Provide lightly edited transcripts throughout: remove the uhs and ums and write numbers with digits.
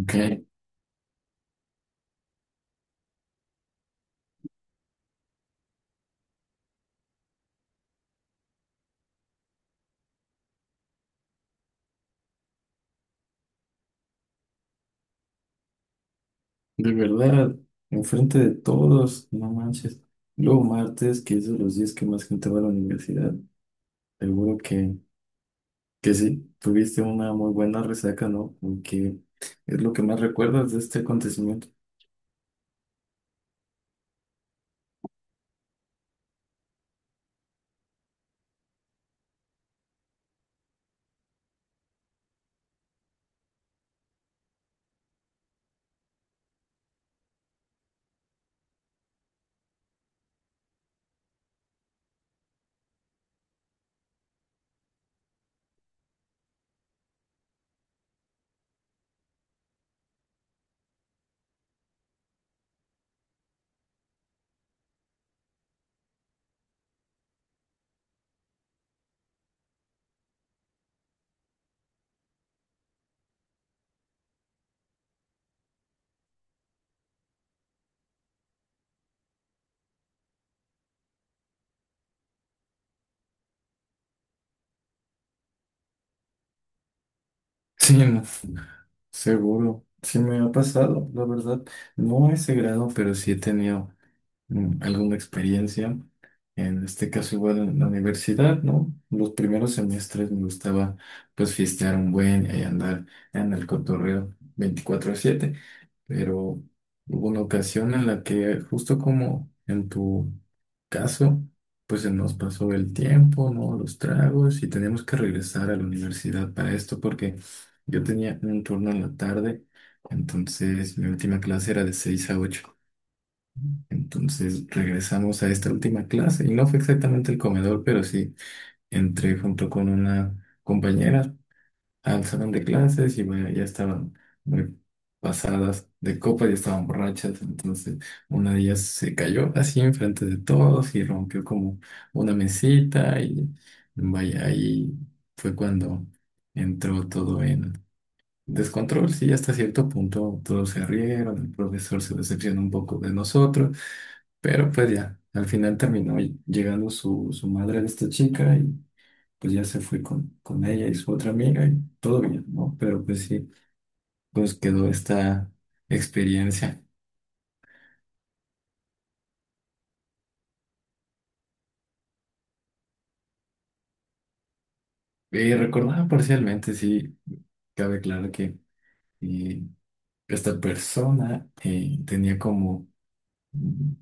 Ok, de verdad, enfrente de todos, no manches. Luego martes, que es de los días que más gente va a la universidad, seguro que sí, tuviste una muy buena resaca, ¿no? Porque es lo que más recuerdas de este acontecimiento. Sí, no, seguro, sí me ha pasado, la verdad. No a ese grado, pero sí he tenido alguna experiencia. En este caso igual en la universidad, ¿no? Los primeros semestres me gustaba pues fiestear un buen y andar en el cotorreo 24/7, pero hubo una ocasión en la que justo como en tu caso, pues se nos pasó el tiempo, ¿no? Los tragos y teníamos que regresar a la universidad para esto porque yo tenía un turno en la tarde, entonces mi última clase era de 6 a 8. Entonces regresamos a esta última clase y no fue exactamente el comedor, pero sí entré junto con una compañera al salón de clases y bueno, ya estaban muy pasadas de copa, ya estaban borrachas. Entonces una de ellas se cayó así enfrente de todos y rompió como una mesita y vaya, ahí fue cuando entró todo en descontrol. Sí, hasta cierto punto todos se rieron, el profesor se decepcionó un poco de nosotros. Pero pues ya, al final terminó llegando su madre de esta chica y pues ya se fue con ella y su otra amiga y todo bien, ¿no? Pero pues sí, pues quedó esta experiencia. Y recordaba parcialmente, sí, cabe claro que eh, esta persona tenía como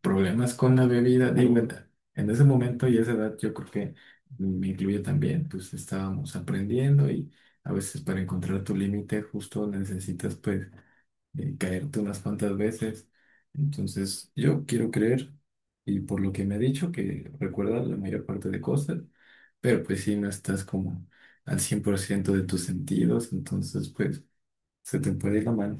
problemas con la bebida. Digo, en ese momento y esa edad yo creo que me incluye también, pues estábamos aprendiendo y a veces para encontrar tu límite justo necesitas pues caerte unas cuantas veces. Entonces yo quiero creer, y por lo que me ha dicho que recuerda la mayor parte de cosas, pero pues si no estás como al 100 por ciento de tus sentidos, entonces pues se te puede ir la mano.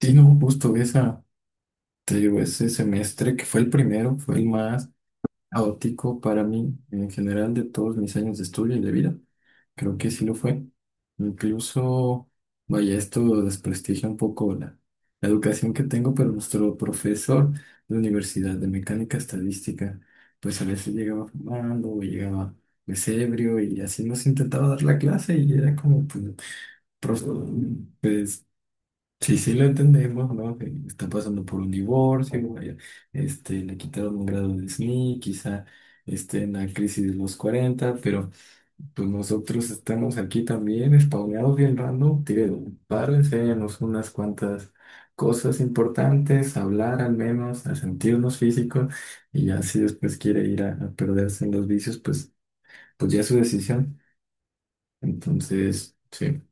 Sí, no, justo esa. Te digo, ese semestre que fue el primero, fue el más caótico para mí en general de todos mis años de estudio y de vida. Creo que sí lo fue. Incluso, vaya, esto desprestigia un poco la educación que tengo, pero nuestro profesor de universidad de mecánica estadística, pues a veces llegaba fumando o llegaba pues ebrio y así nos intentaba dar la clase y era como, pues, profesor, sí, sí, lo entendemos, ¿no? Que está pasando por un divorcio, vaya, este, le quitaron un grado de SNI, quizá esté en la crisis de los cuarenta, pero pues nosotros estamos aquí también, spawneados bien random, tío, paro, enséñanos unas cuantas cosas importantes, hablar al menos, a sentirnos físicos, y ya si después quiere ir a perderse en los vicios, pues, pues ya es su decisión. Entonces, sí.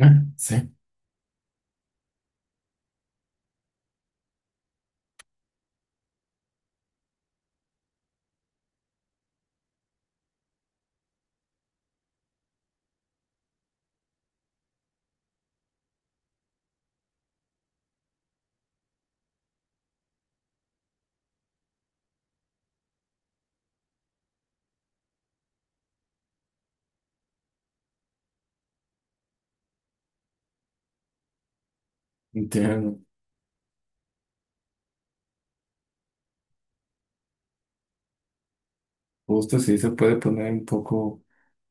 Ah, sí, entiendo. Justo sí se puede poner un poco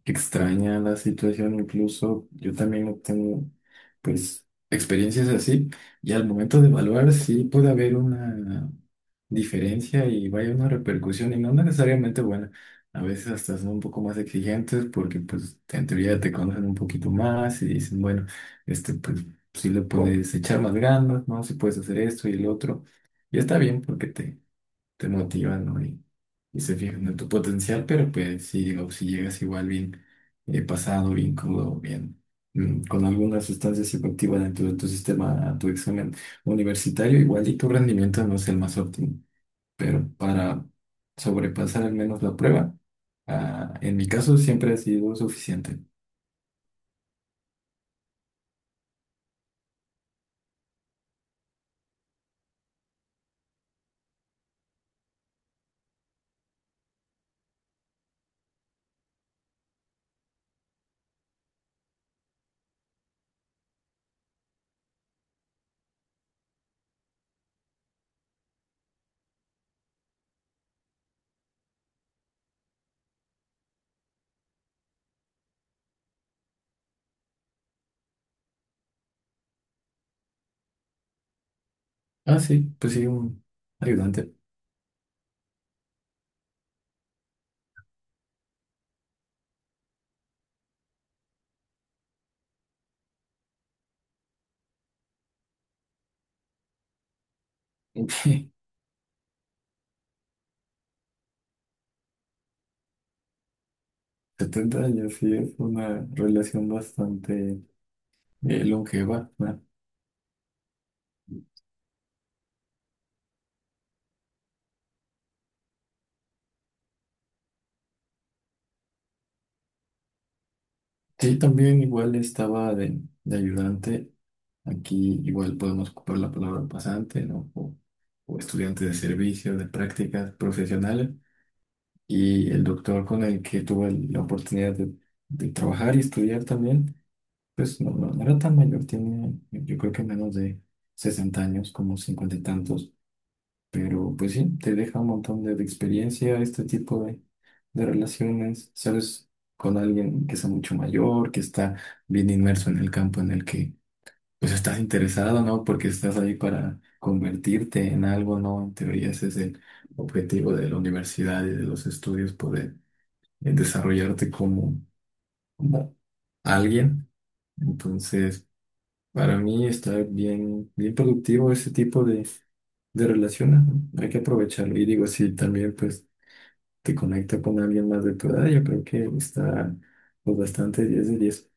extraña la situación, incluso yo también no tengo, pues, experiencias así, y al momento de evaluar sí puede haber una diferencia y vaya una repercusión, y no necesariamente buena, a veces hasta son un poco más exigentes porque, pues, en teoría te conocen un poquito más y dicen, bueno, este, pues, sí le puedes echar más ganas, ¿no? Si puedes hacer esto y el otro, y está bien porque te motiva, ¿no? Y se fijan en tu potencial, pero pues si, digo, si llegas igual bien pasado, bien crudo, bien con alguna sustancia psicoactiva dentro de tu sistema a tu examen universitario, igual y tu rendimiento no es el más óptimo, pero para sobrepasar al menos la prueba, ah, en mi caso siempre ha sido suficiente. Ah, sí, pues sí, un ayudante. 70 años, sí, es una relación bastante longeva. Sí, también igual estaba de ayudante. Aquí igual podemos ocupar la palabra pasante, ¿no? O estudiante de servicio, de prácticas profesionales. Y el doctor con el que tuve la oportunidad de trabajar y estudiar también, pues no, no era tan mayor, tenía yo creo que menos de 60 años, como 50 y tantos. Pero pues sí, te deja un montón de experiencia este tipo de relaciones, ¿sabes? Con alguien que sea mucho mayor, que está bien inmerso en el campo en el que pues estás interesado, ¿no? Porque estás ahí para convertirte en algo, ¿no? En teoría ese es el objetivo de la universidad y de los estudios, poder desarrollarte como, como alguien. Entonces, para mí está bien, bien productivo ese tipo de relaciones, ¿no? Hay que aprovecharlo. Y digo, si también pues te conecta con alguien más de tu edad, yo creo que está pues, bastante 10 de 10.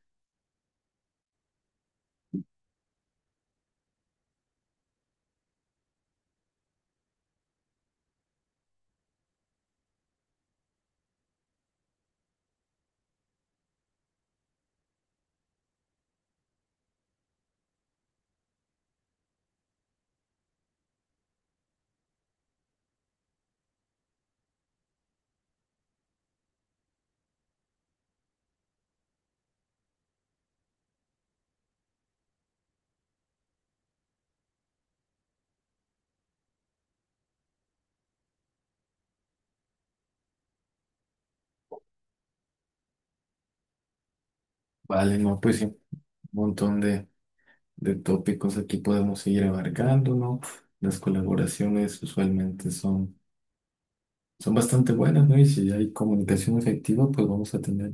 Vale, no, pues sí, un montón de tópicos aquí podemos seguir abarcando, ¿no? Las colaboraciones usualmente son, son bastante buenas, ¿no? Y si hay comunicación efectiva, pues vamos a tener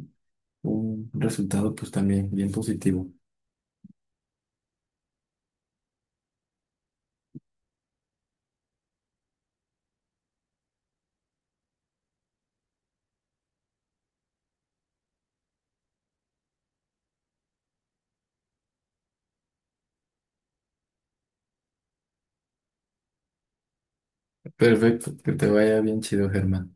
un resultado pues también bien positivo. Perfecto, que te vaya bien chido, Germán.